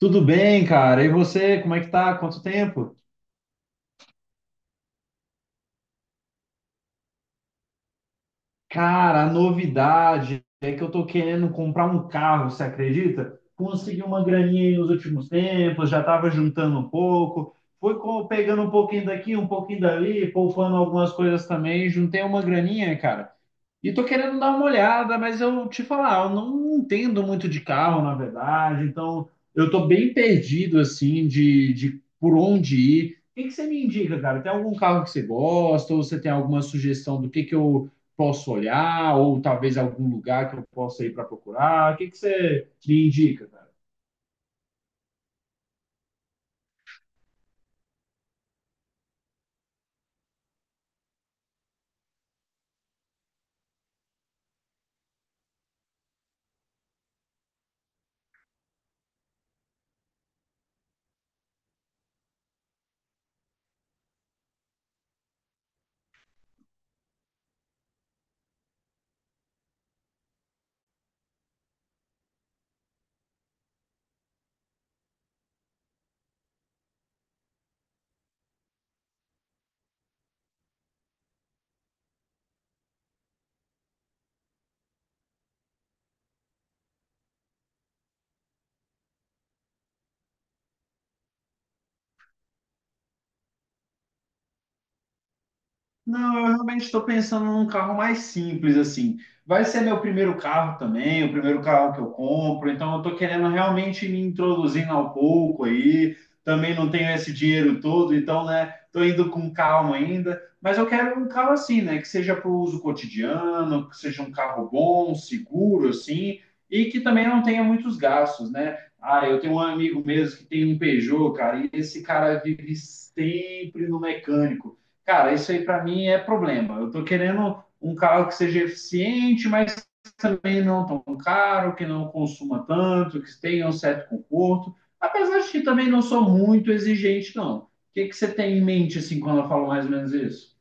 Tudo bem, cara? E você, como é que tá? Quanto tempo? Cara, a novidade é que eu tô querendo comprar um carro, você acredita? Consegui uma graninha aí nos últimos tempos, já tava juntando um pouco, pegando um pouquinho daqui, um pouquinho dali, poupando algumas coisas também, juntei uma graninha, cara. E tô querendo dar uma olhada, mas eu te falar, eu não entendo muito de carro, na verdade, então eu tô bem perdido, assim, de por onde ir. O que que você me indica, cara? Tem algum carro que você gosta, ou você tem alguma sugestão do que eu posso olhar, ou talvez algum lugar que eu possa ir para procurar? O que que você me indica, cara? Não, eu realmente estou pensando num carro mais simples, assim. Vai ser meu primeiro carro também, o primeiro carro que eu compro, então eu estou querendo realmente me introduzindo ao pouco aí. Também não tenho esse dinheiro todo, então, né, estou indo com calma ainda. Mas eu quero um carro assim, né, que seja para o uso cotidiano, que seja um carro bom, seguro, assim, e que também não tenha muitos gastos, né? Ah, eu tenho um amigo mesmo que tem um Peugeot, cara, e esse cara vive sempre no mecânico. Cara, isso aí para mim é problema. Eu tô querendo um carro que seja eficiente, mas também não tão caro, que não consuma tanto, que tenha um certo conforto. Apesar de que também não sou muito exigente, não. O que que você tem em mente assim quando eu falo mais ou menos isso?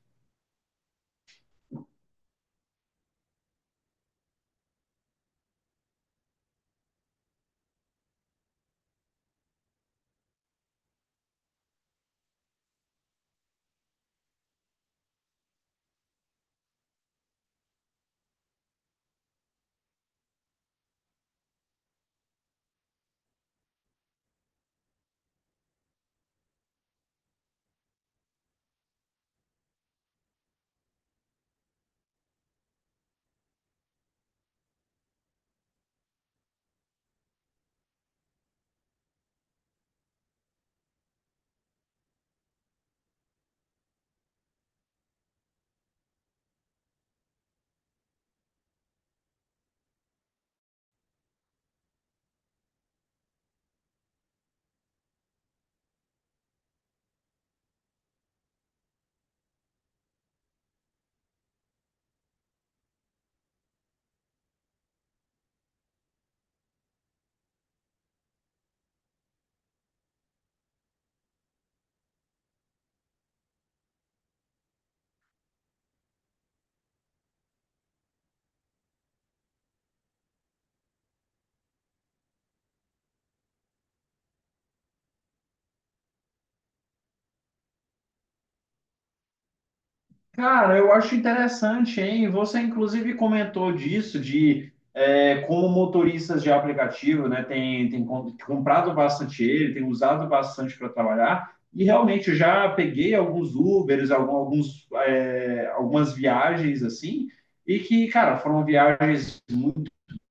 Cara, eu acho interessante, hein? Você inclusive comentou disso, de é, como motoristas de aplicativo, né, comprado bastante ele, tem usado bastante para trabalhar, e realmente eu já peguei alguns Ubers, algumas viagens assim, e que, cara, foram viagens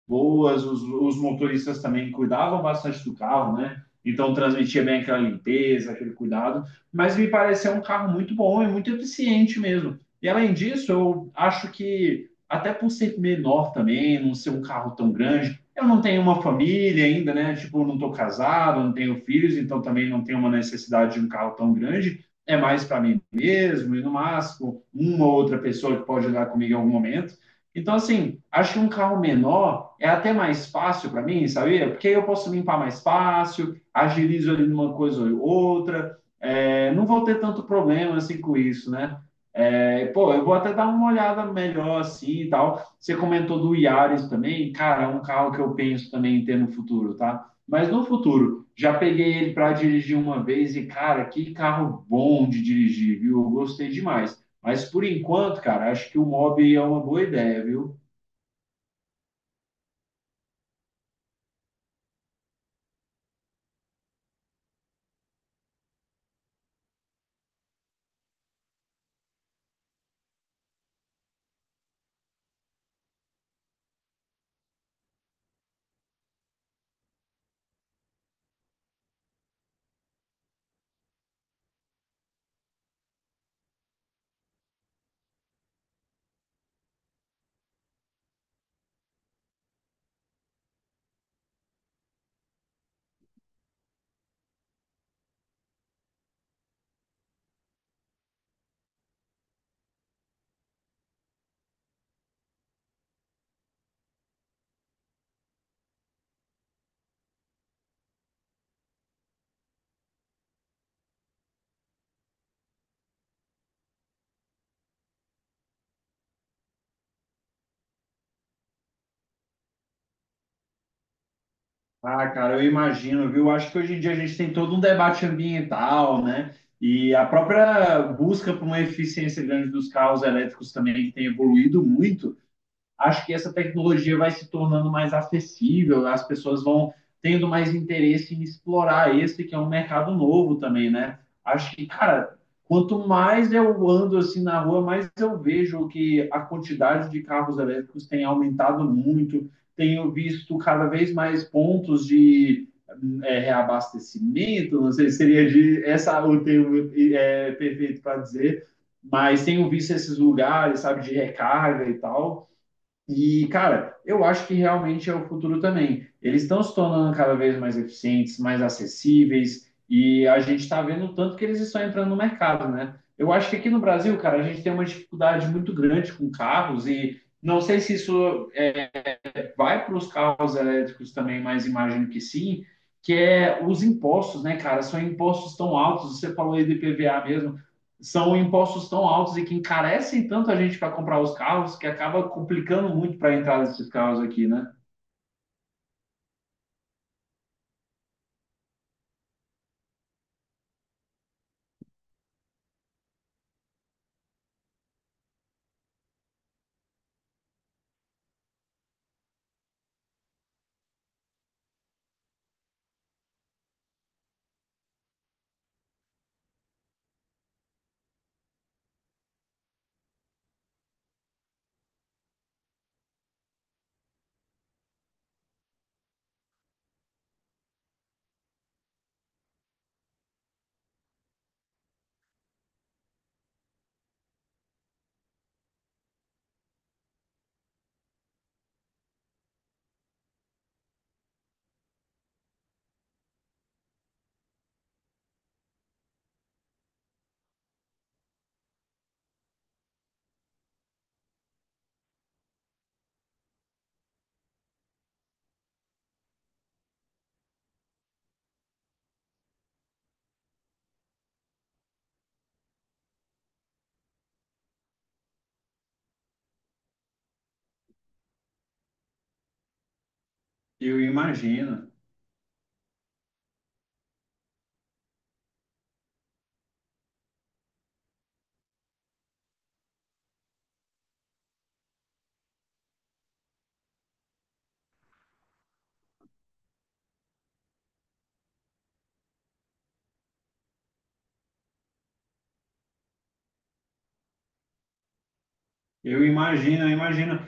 boas, os motoristas também cuidavam bastante do carro, né? Então transmitia bem aquela limpeza, aquele cuidado, mas me pareceu um carro muito bom e muito eficiente mesmo. E além disso, eu acho que até por ser menor também, não ser um carro tão grande, eu não tenho uma família ainda, né? Tipo, eu não estou casado, não tenho filhos, então também não tenho uma necessidade de um carro tão grande. É mais para mim mesmo e no máximo uma ou outra pessoa que pode andar comigo em algum momento. Então, assim, acho que um carro menor é até mais fácil para mim, sabia? Porque eu posso limpar mais fácil, agilizo ali numa coisa ou outra, é, não vou ter tanto problema assim com isso, né? É, pô, eu vou até dar uma olhada melhor assim e tal. Você comentou do Yaris também, cara, é um carro que eu penso também em ter no futuro, tá? Mas no futuro, já peguei ele para dirigir uma vez e, cara, que carro bom de dirigir, viu? Eu gostei demais. Mas por enquanto, cara, acho que o mob é uma boa ideia, viu? Ah, cara, eu imagino, viu? Acho que hoje em dia a gente tem todo um debate ambiental, né? E a própria busca por uma eficiência grande dos carros elétricos também, que tem evoluído muito, acho que essa tecnologia vai se tornando mais acessível, as pessoas vão tendo mais interesse em explorar esse que é um mercado novo também, né? Acho que, cara, quanto mais eu ando assim na rua, mais eu vejo que a quantidade de carros elétricos tem aumentado muito. Tenho visto cada vez mais pontos de reabastecimento, não sei se seria de, essa o termo é, perfeito para dizer, mas tenho visto esses lugares, sabe, de recarga e tal. E, cara, eu acho que realmente é o futuro também. Eles estão se tornando cada vez mais eficientes, mais acessíveis, e a gente está vendo o tanto que eles estão entrando no mercado, né? Eu acho que aqui no Brasil, cara, a gente tem uma dificuldade muito grande com carros, e não sei se isso vai para os carros elétricos também, mas imagino que sim, que é os impostos, né, cara? São impostos tão altos, você falou aí de PVA mesmo, são impostos tão altos e que encarecem tanto a gente para comprar os carros que acaba complicando muito para a entrada desses carros aqui, né? Eu imagino, eu imagino, eu imagino.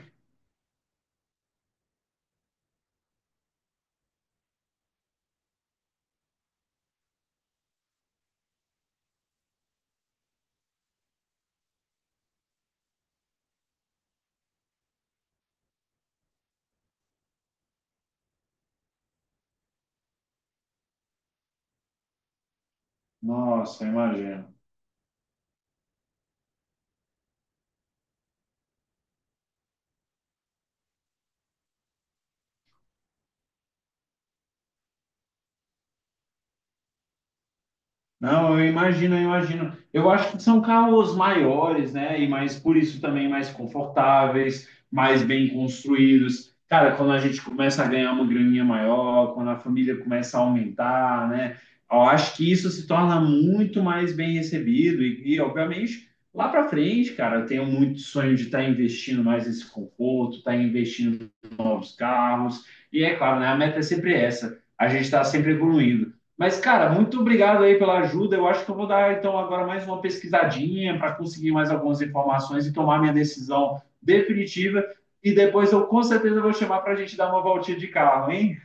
Nossa, eu imagino. Não, eu imagino, eu imagino. Eu acho que são carros maiores, né? E mais, por isso também mais confortáveis, mais bem construídos. Cara, quando a gente começa a ganhar uma graninha maior, quando a família começa a aumentar, né? Eu acho que isso se torna muito mais bem recebido. Obviamente, lá para frente, cara, eu tenho muito sonho de estar investindo mais nesse conforto, estar investindo os carros. E é claro, né, a meta é sempre essa. A gente está sempre evoluindo. Mas, cara, muito obrigado aí pela ajuda. Eu acho que eu vou dar, então, agora mais uma pesquisadinha para conseguir mais algumas informações e tomar minha decisão definitiva. E depois eu com certeza vou chamar para a gente dar uma voltinha de carro, hein?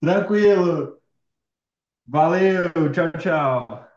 Tranquilo. Valeu. Tchau, tchau.